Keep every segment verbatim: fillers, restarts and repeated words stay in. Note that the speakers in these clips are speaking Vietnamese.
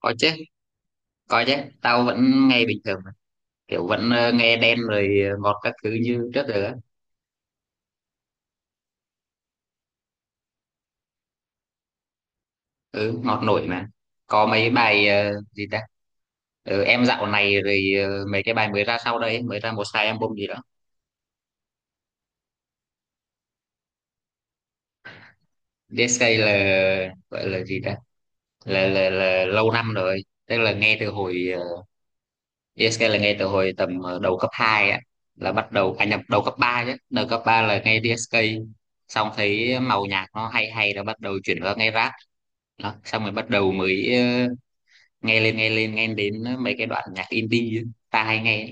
có chứ có chứ tao vẫn nghe bình thường mà. Kiểu vẫn ờ, nghe Đen rồi ờ, ngọt các thứ như trước rồi á. Ừ, ngọt nổi mà. Có mấy bài ờ, gì ta. Ừ, em dạo này rồi ờ, mấy cái bài mới ra sau đây mới ra một hai album gì đó. đê ét ca là gọi là gì ta, là, là là lâu năm rồi, tức là nghe từ hồi. ờ, đê ét ca là nghe từ hồi tầm ờ, đầu cấp hai á. Là bắt đầu à nhập đầu cấp ba, chứ đầu cấp ba là nghe đê ét ca. Xong thấy màu nhạc nó hay hay là bắt đầu chuyển qua nghe rap. Đó xong rồi bắt đầu mới ờ, nghe lên nghe lên nghe đến mấy cái đoạn nhạc indie ấy. Ta hay nghe ấy.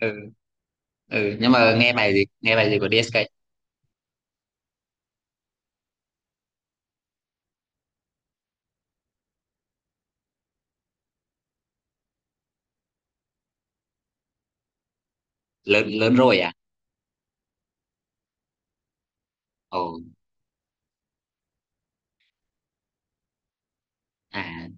Ừ, ừ, nhưng mà nghe bài gì nghe bài gì của đê ét ca. Lớn lớn rồi à. Ồ. À.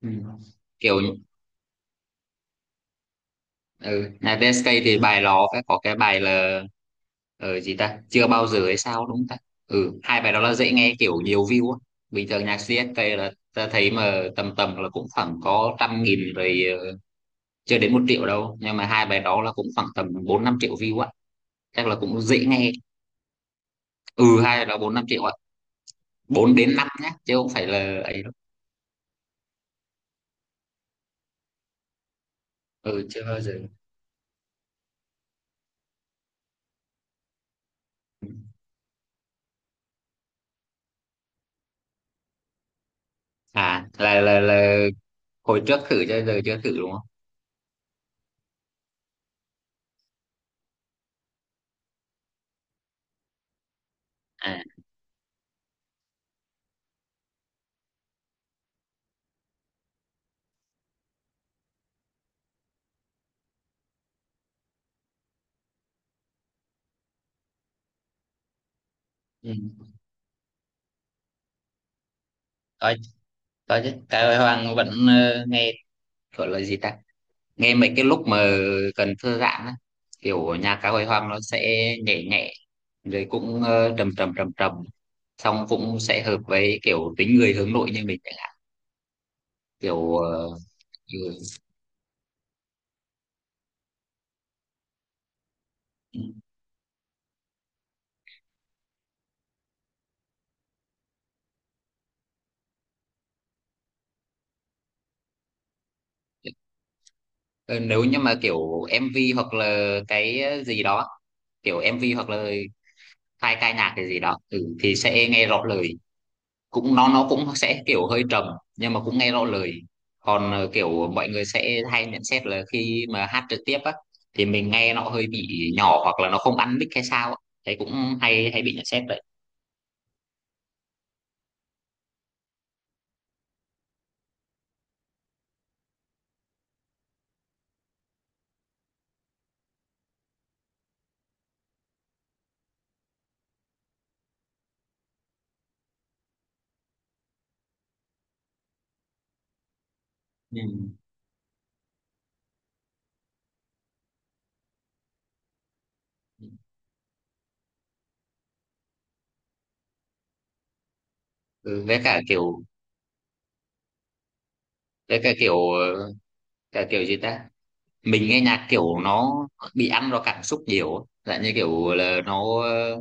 Ừ. Kiểu. Ừ, nhà đê ét ca thì bài nó phải có cái bài là, ờ gì ta, chưa bao giờ hay sao đúng không ta. Ừ, hai bài đó là dễ nghe kiểu nhiều view á. Bình thường nhạc xê ét ca là ta thấy mà tầm tầm là cũng khoảng có trăm nghìn rồi, ờ, chưa đến một triệu đâu, nhưng mà hai bài đó là cũng khoảng tầm bốn năm triệu view á. Chắc là cũng dễ nghe. Ừ, hay là bốn năm triệu ạ. Bốn đến năm nhé, chứ không phải là ấy đâu. Ừ, chưa bao giờ. À, là là là hồi trước thử cho giờ chưa thử đúng không. À. Ừ. có có chứ cái Hoàng vẫn ờ, nghe. Gọi là gì ta, nghe mấy cái lúc mà cần thư giãn á. Kiểu nhạc Cá Hồi Hoang nó sẽ nhẹ nhẹ rồi cũng ờ, trầm trầm trầm trầm Xong cũng sẽ hợp với kiểu tính người hướng nội như mình chẳng hạn. Kiểu. Ờ, ừ. Ờ, nếu như mà kiểu em vê hoặc là cái, ờ, gì đó, kiểu em vê hoặc là hai ca nhạc cái gì đó, ừ, thì sẽ nghe rõ lời. Cũng nó nó cũng sẽ kiểu hơi trầm, nhưng mà cũng nghe rõ lời. Còn ờ, kiểu mọi người sẽ hay nhận xét là khi mà hát trực tiếp á, thì mình nghe nó hơi bị nhỏ hoặc là nó không ăn mic hay sao á. Đấy cũng hay hay bị nhận xét đấy. Ừ. Ừ, với cả kiểu với cả kiểu ờ, cả kiểu gì ta, mình nghe nhạc kiểu nó bị ăn vào cảm xúc nhiều á. Dạng như kiểu là nó, ờ,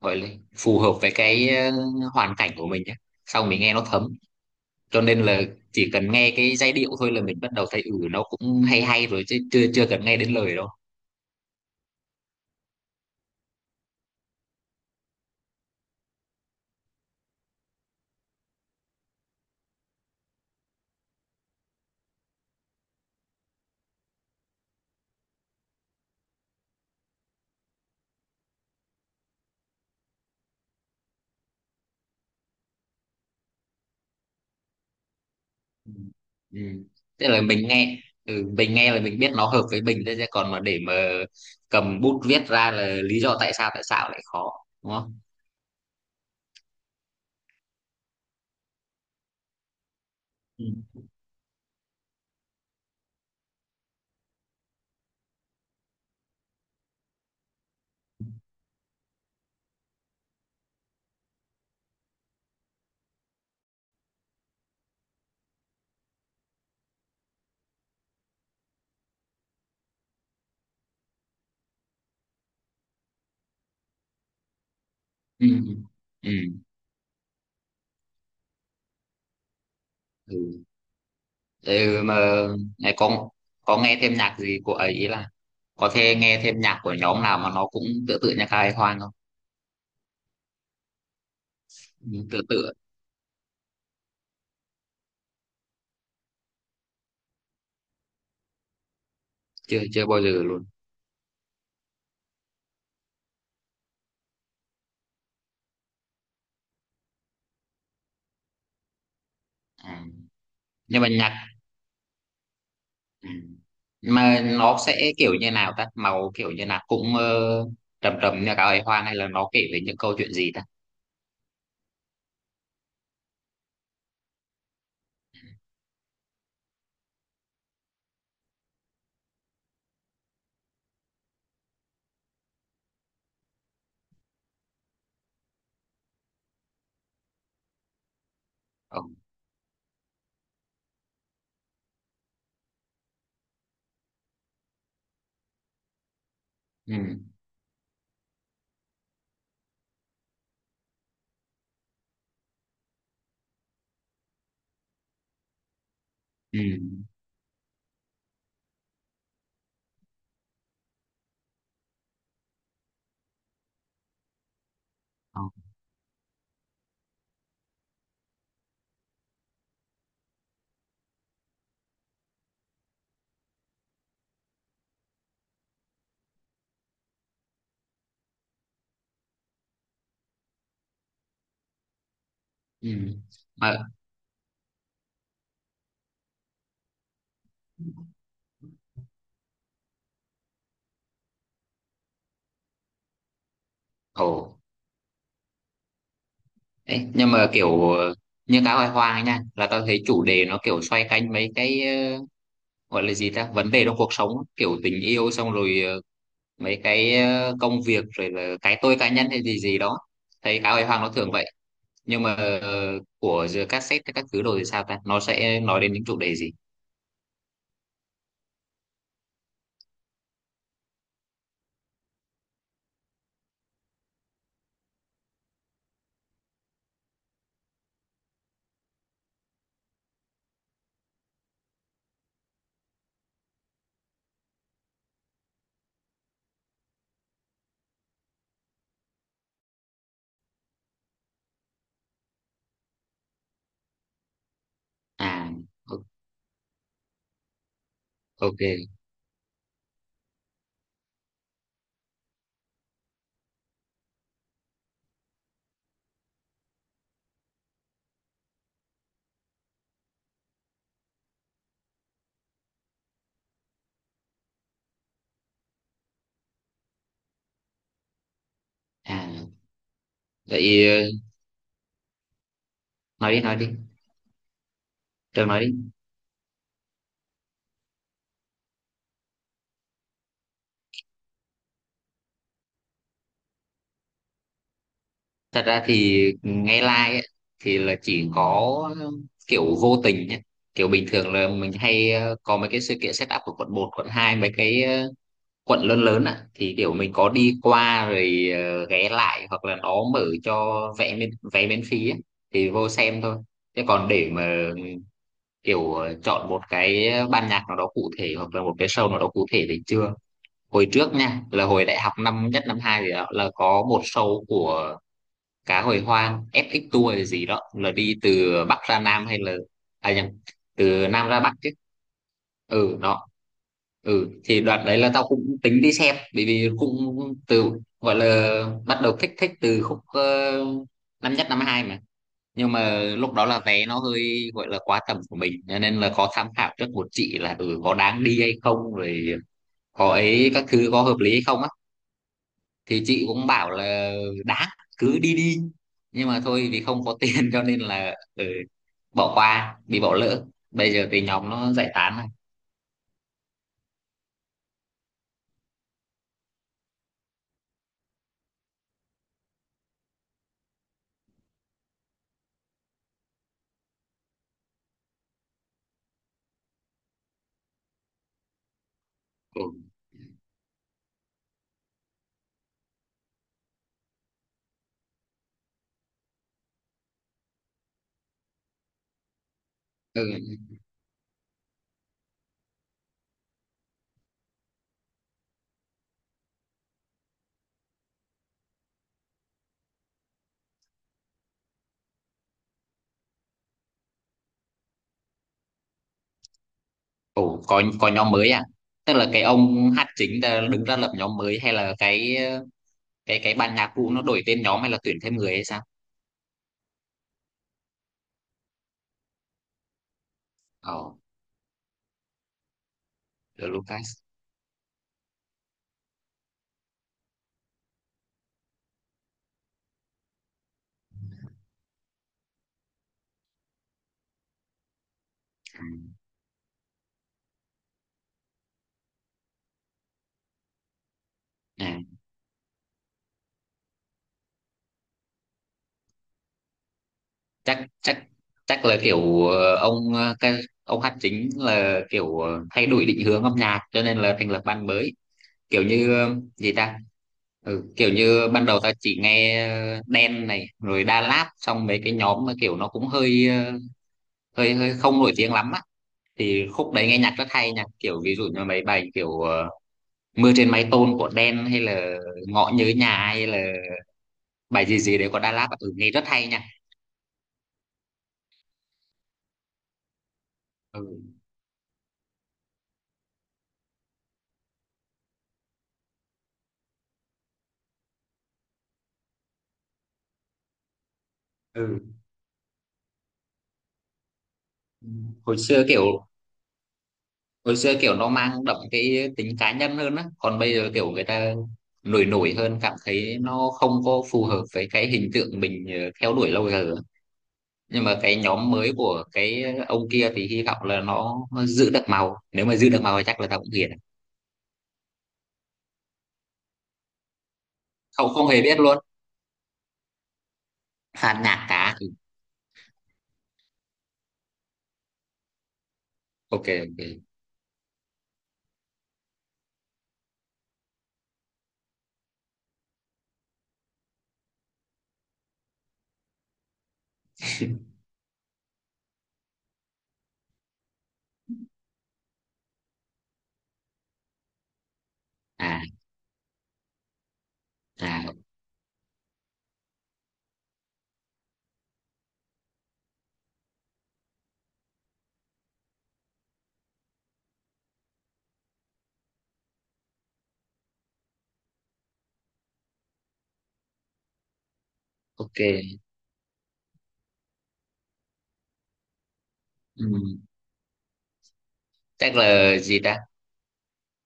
gọi là phù hợp với cái, ờ, hoàn cảnh của mình nhé, sau mình nghe nó thấm. Cho nên là chỉ cần nghe cái giai điệu thôi là mình bắt đầu thấy ừ nó cũng hay hay rồi, chứ chưa chưa cần nghe đến lời đâu. Ừ. Ừ, tức là mình nghe, ừ, mình nghe là mình biết nó hợp với mình thôi, chứ còn mà để mà cầm bút viết ra là lý do tại sao tại sao lại khó, đúng không. Ừ. Ừ. Ừ. Ừ. Ừ, mà này có có nghe thêm nhạc gì của ấy, ý là có thể nghe thêm nhạc của nhóm nào mà nó cũng tựa tựa nhạc Hai Hoang không? Ừ, tựa tựa. Chưa chưa bao giờ luôn. À. Nhưng mà nhạc, ừ. Nhưng mà nó sẽ kiểu như nào ta? Màu kiểu như nào, cũng ờ, trầm trầm như cả ấy Hoang hay là nó kể về những câu chuyện gì ta? Ừ. Ừ. Ừ. Ờ. Ừ. Mà. Ồ. Đấy, nhưng mà kiểu ờ, như Cá Hồi Hoang ấy nha, là tao thấy chủ đề nó kiểu xoay quanh mấy cái, ờ, gọi là gì ta, vấn đề trong cuộc sống, kiểu tình yêu xong rồi ờ, mấy cái ờ, công việc rồi là cái tôi cá nhân hay gì gì đó. Thấy Cá Hồi Hoàng nó thường vậy. Nhưng mà ờ, của giữa cassette các thứ đồ thì sao ta, nó sẽ nói đến những chủ đề gì? À. o- ok. À vậy, ờ, nói đi, nói đi. Trường nói đi. Thật ra thì nghe like ấy, thì là chỉ có, ờ, kiểu vô tình nhé, kiểu bình thường là mình hay ờ, có mấy cái sự kiện setup của quận một quận hai, mấy cái ờ, quận lớn lớn ạ, thì kiểu mình có đi qua rồi ờ, ghé lại, hoặc là nó mở cho vé miễn vé miễn phí ấy, thì vô xem thôi. Thế còn để mà kiểu ờ, chọn một cái ban nhạc nào đó cụ thể hoặc là một cái show nào đó cụ thể thì chưa. Hồi trước nha, là hồi đại học năm nhất năm hai thì đó, là có một show của Cá Hồi Hoang ép ích tour hay gì đó là đi từ Bắc ra Nam, hay là, à nhầm, từ Nam ra Bắc chứ. Ừ đó. Ừ, thì đoạn đấy là tao cũng tính đi xem, bởi vì cũng từ, gọi là bắt đầu thích thích từ khúc, ờ, năm nhất năm hai mà. Nhưng mà lúc đó là vé nó hơi, gọi là quá tầm của mình, cho nên là có tham khảo trước một chị là ừ có đáng đi hay không rồi, có ấy các thứ có hợp lý hay không á. Thì chị cũng bảo là đáng, cứ đi đi, nhưng mà thôi vì không có tiền cho nên là, ừ, bỏ qua, bị bỏ lỡ. Bây giờ thì nhóm nó giải tán rồi. Ừ, ừ. Ừ, có có nhóm mới à, tức là cái ông hát chính đã đứng ra lập nhóm mới, hay là cái cái cái ban nhạc cũ nó đổi tên nhóm hay là tuyển thêm người hay sao? Ồ, The Lucas. Ừ. À, chắc chắc chắc là kiểu ờ, ông, ờ, cái ông hát chính là kiểu ờ, thay đổi định hướng âm nhạc cho nên là thành lập ban mới, kiểu như ờ, gì ta. Ừ, kiểu như ban đầu tao chỉ nghe ờ, Đen này rồi Đà Lạt, xong mấy cái nhóm mà kiểu nó cũng hơi ờ, hơi hơi không nổi tiếng lắm á, thì khúc đấy nghe nhạc rất hay nha, kiểu ví dụ như mấy bài kiểu ờ, Mưa Trên Mái Tôn của Đen, hay là Ngõ Nhớ Nhà, hay là bài gì gì đấy của Đà Lạt, ừ, nghe rất hay nha. Ừ. Ừ, hồi xưa kiểu hồi xưa kiểu nó mang đậm cái tính cá nhân hơn á, còn bây giờ kiểu người ta nổi nổi hơn, cảm thấy nó không có phù hợp với cái hình tượng mình ờ, theo đuổi lâu giờ. Nhưng mà cái nhóm mới của cái ông kia thì hy vọng là nó nó giữ được màu, nếu mà giữ được màu thì chắc là tao cũng hiền. Không, không hề biết luôn. Phạt nhạc cá thì ok, ok. À. À. Ok. Ừ, chắc là gì ta,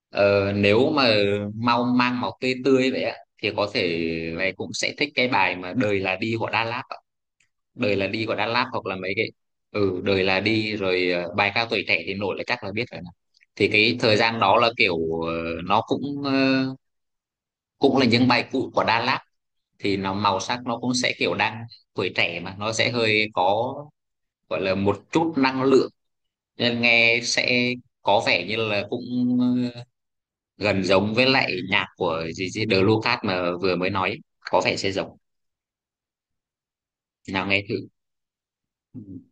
ờ, nếu mà mau mang màu tươi tươi vậy á, thì có thể mày cũng sẽ thích cái bài mà Đời Là Đi của Đà Lạt. Đời Là Đi của Đà Lạt hoặc là mấy cái. Ừ, Đời Là Đi rồi ờ, bài ca tuổi trẻ thì nổi là chắc là biết rồi nè. Thì cái thời gian đó là kiểu, ờ, nó cũng ờ, cũng là những bài cũ của Đà Lạt, thì nó màu sắc nó cũng sẽ kiểu đang tuổi trẻ mà nó sẽ hơi có, gọi là một chút năng lượng, nên nghe sẽ có vẻ như là cũng ờ, gần giống với lại nhạc của gì gì The Lucas mà vừa mới nói ấy. Có vẻ sẽ giống. Nào nghe thử. Ừ.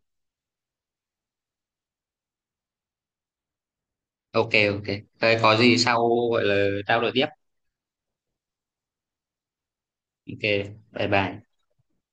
Ok, ok. Thế có gì sau gọi là trao đổi tiếp, ok. Bye bye.